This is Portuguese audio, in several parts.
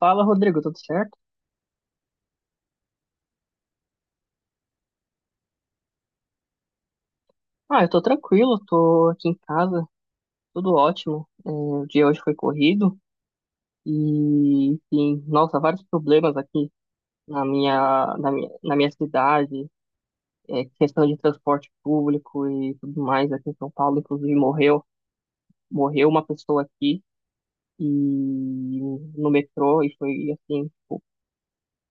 Fala, Rodrigo, tudo certo? Ah, eu tô tranquilo, tô aqui em casa, tudo ótimo. O dia hoje foi corrido e, enfim, nossa, vários problemas aqui na minha cidade, questão de transporte público e tudo mais aqui em São Paulo, inclusive morreu uma pessoa aqui e no metrô e foi assim, tipo,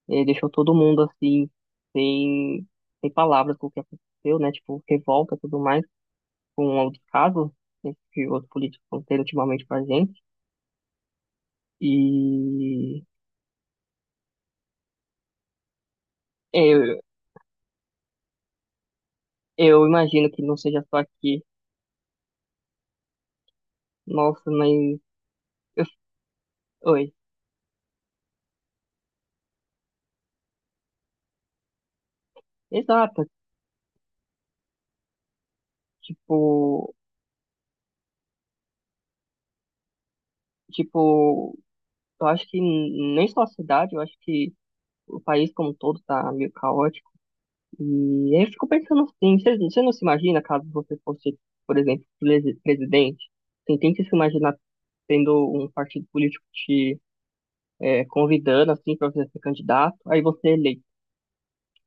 deixou todo mundo assim, sem, sem palavras com o que aconteceu, né? Tipo, revolta e tudo mais. Com um outro caso, esse outro político que teve ultimamente com a gente. E eu, eu imagino que não seja só aqui. Nossa, mas. eu- oi. Exato. Tipo, tipo, eu acho que nem só a cidade, eu acho que o país como um todo tá meio caótico. E aí eu fico pensando assim, você não se imagina caso você fosse, por exemplo, presidente? Você tenta se imaginar tendo um partido político te convidando assim para você ser candidato, aí você lê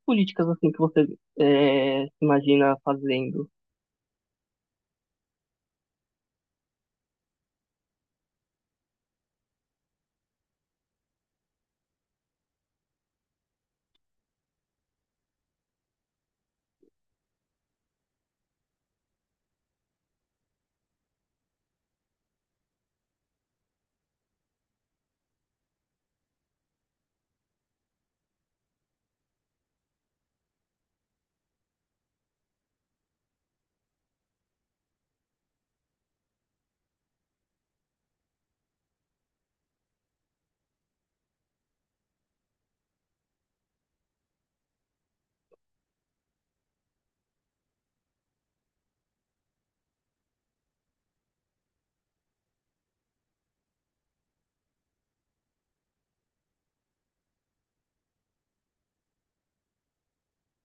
políticas assim que você se imagina fazendo.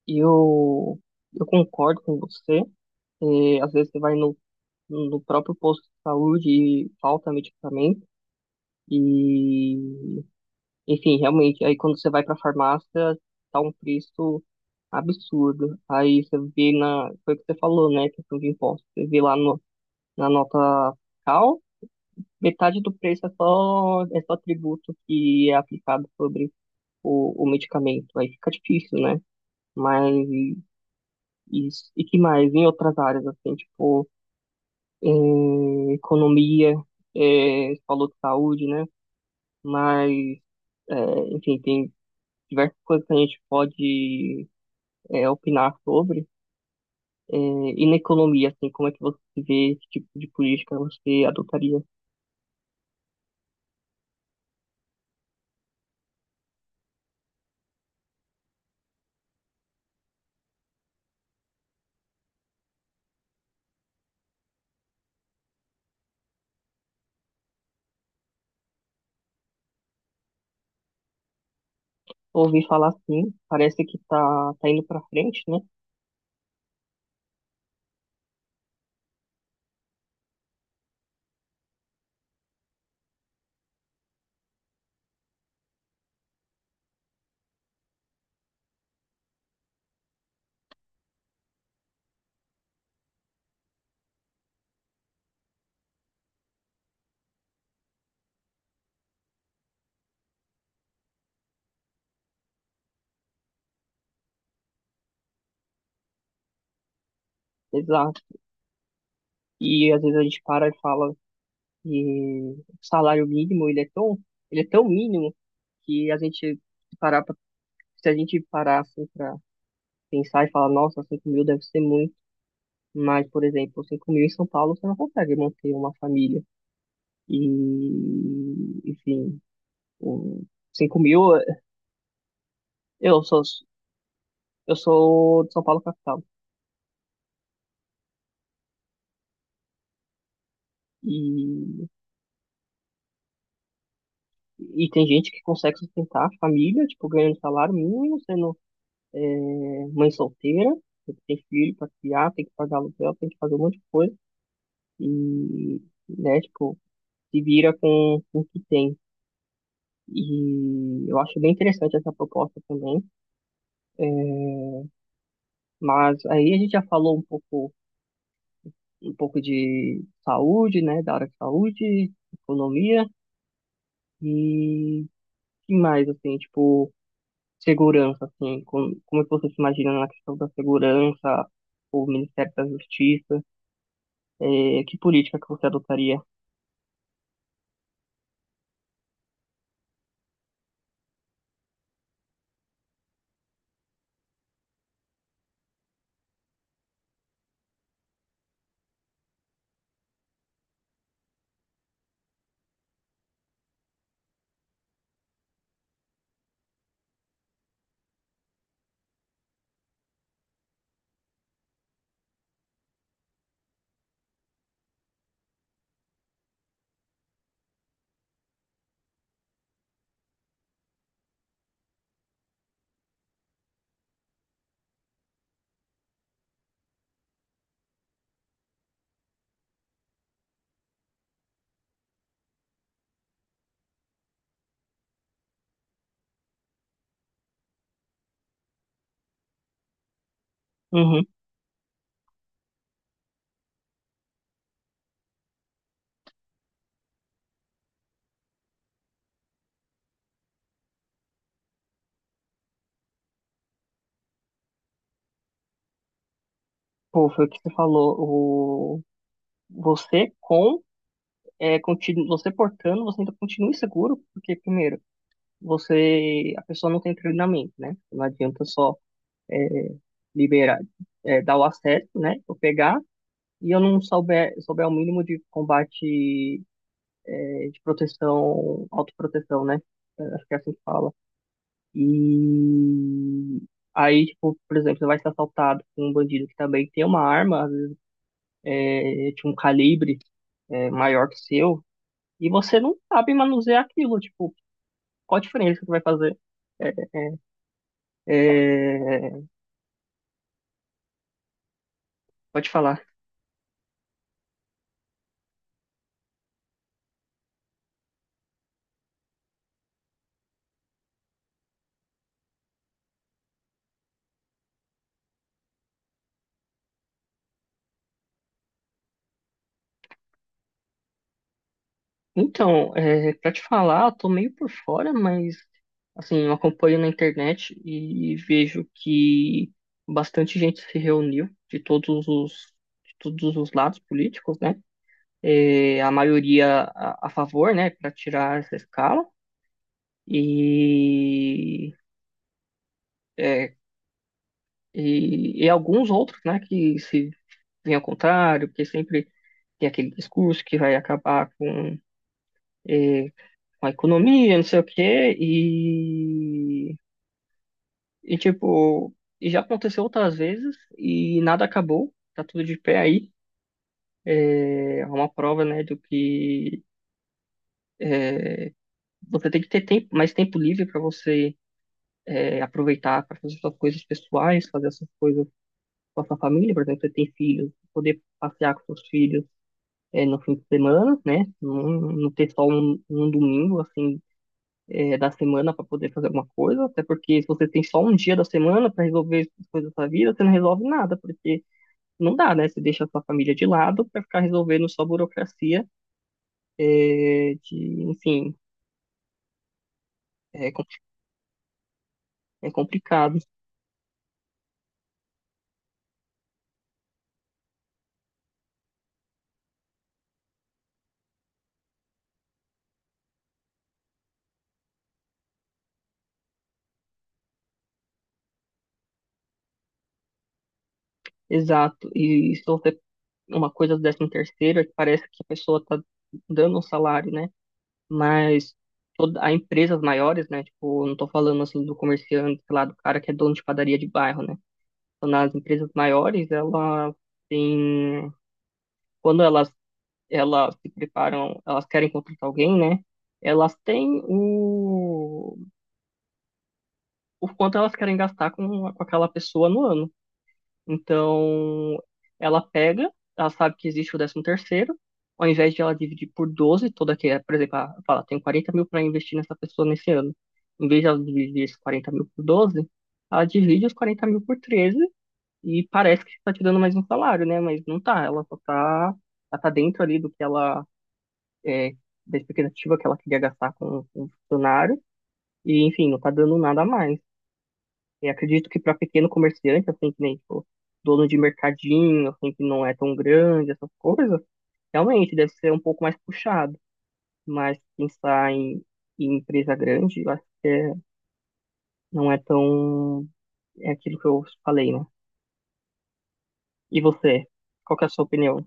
E eu concordo com você. É, às vezes você vai no próprio posto de saúde e falta medicamento. E, enfim, realmente, aí quando você vai para a farmácia, tá um preço absurdo. Aí você vê na, foi o que você falou, né, questão de imposto. Você vê lá no, na nota fiscal, metade do preço é só tributo que é aplicado sobre o medicamento. Aí fica difícil, né? Mas isso. E que mais? Em outras áreas, assim, tipo, em economia, você falou de saúde, né? Mas, é, enfim, tem diversas coisas que a gente pode, opinar sobre. E na economia, assim, como é que você vê esse tipo de política você adotaria? Ouvi falar assim, parece que tá indo para frente, né? Eles E às vezes a gente para e fala que o salário mínimo ele é tão mínimo que a gente se parar pra, se a gente parar assim para pensar e falar, nossa, 5 mil deve ser muito. Mas, por exemplo, 5 mil em São Paulo você não consegue manter uma família. E, enfim, o 5 mil. Eu sou, eu sou de São Paulo capital. E, e tem gente que consegue sustentar a família, tipo, ganhando salário mínimo, sendo é mãe solteira, tem que ter filho pra criar, tem que pagar aluguel, tem que fazer um monte de coisa. E, né, tipo, se vira com o que tem. E eu acho bem interessante essa proposta também. é, Mas aí a gente já falou um pouco de saúde, né? Da área de saúde, economia e que mais, assim, tipo, segurança, assim, como é que você se imagina na questão da segurança, o Ministério da Justiça, é que política que você adotaria? Uhum. Pô, foi o que você falou. O... Você com Você portando, você ainda continua inseguro, porque primeiro, você a pessoa não tem treinamento, né? Não adianta só liberar, dar o acesso, né? Eu pegar e eu não souber o mínimo de combate, de proteção, autoproteção, né? Acho que é assim que fala. E aí, tipo, por exemplo, você vai ser assaltado por um bandido que também tem uma arma. De um calibre maior que o seu, e você não sabe manusear aquilo, tipo, qual a diferença que vai fazer? É, é, é, Pode falar. Então, pra te falar, eu tô meio por fora, mas assim, eu acompanho na internet e vejo que bastante gente se reuniu de todos os lados políticos, né? A maioria a favor, né, para tirar essa escala. E é, e alguns outros, né, que se vêm ao contrário, porque sempre tem aquele discurso que vai acabar com, eh, com a economia, não sei o quê, e tipo, e já aconteceu outras vezes e nada acabou, tá tudo de pé aí. É uma prova, né, do que eh, você tem que ter tempo, mais tempo livre para você aproveitar para fazer suas coisas pessoais, fazer essas coisas com a sua família, por exemplo, você tem filhos, poder passear com seus filhos no fim de semana, né? Não ter só um domingo, assim, da semana para poder fazer alguma coisa, até porque se você tem só um dia da semana para resolver as coisas da sua vida, você não resolve nada, porque não dá, né? Você deixa a sua família de lado para ficar resolvendo só burocracia, é, de, enfim, é, com- é complicado. Exato. E se você uma coisa do décimo terceiro, é que parece que a pessoa está dando um salário, né? Mas há empresas maiores, né? Tipo, eu não tô falando assim do comerciante, sei lá, do cara que é dono de padaria de bairro, né? Então, nas empresas maiores, ela tem. Quando elas se preparam, elas querem contratar alguém, né? Elas têm o quanto elas querem gastar com aquela pessoa no ano. Então, ela pega, ela sabe que existe o décimo terceiro, ao invés de ela dividir por 12 toda que, é, por exemplo, ela fala, tenho 40 mil para investir nessa pessoa nesse ano. Em vez de ela dividir esses 40 mil por 12, ela divide os 40 mil por 13 e parece que está te dando mais um salário, né? Mas não tá, ela só tá, ela tá dentro ali do que ela, é, da expectativa que ela queria gastar com o funcionário. E, enfim, não tá dando nada a mais. E acredito que para pequeno comerciante, assim, que nem, tipo, dono de mercadinho, assim, que não é tão grande, essas coisas, realmente deve ser um pouco mais puxado. Mas pensar em empresa grande, eu acho não é tão. É aquilo que eu falei, né? E você? Qual que é a sua opinião?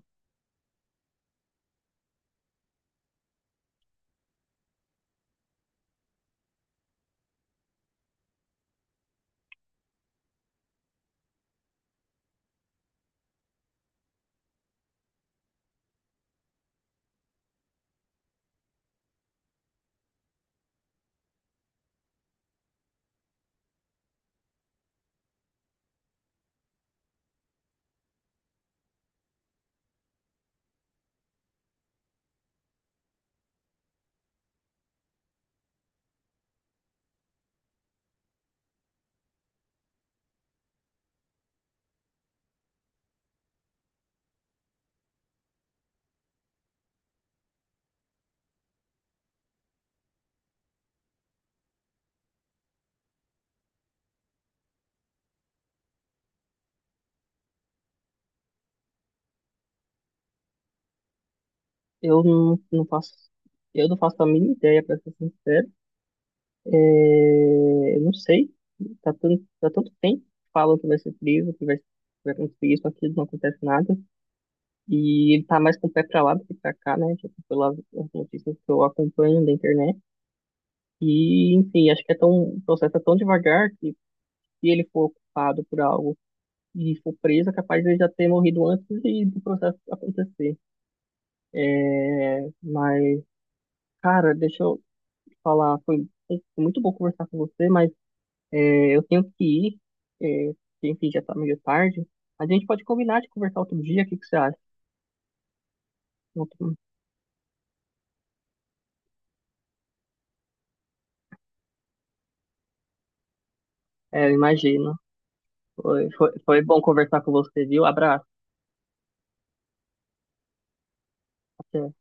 Eu não faço. Eu não faço a mínima ideia, para ser sincero. É, eu não sei. Tá tanto tempo que falam que vai ser frio, que vai acontecer isso, aquilo, não acontece nada. E ele tá mais com o pé pra lá do que pra cá, né? Tipo, pelas as notícias que eu acompanho da internet. E, enfim, acho que é tão, o processo é tão devagar que se ele for ocupado por algo e for preso, é capaz de ele já ter morrido antes do processo acontecer. Mas, cara, deixa eu te falar, foi muito bom conversar com você, mas é, eu tenho que ir, é, porque, enfim, já tá meio tarde. Mas a gente pode combinar de conversar outro dia, o que que você acha? Outro- É, imagina. Foi bom conversar com você, viu? Abraço. Até.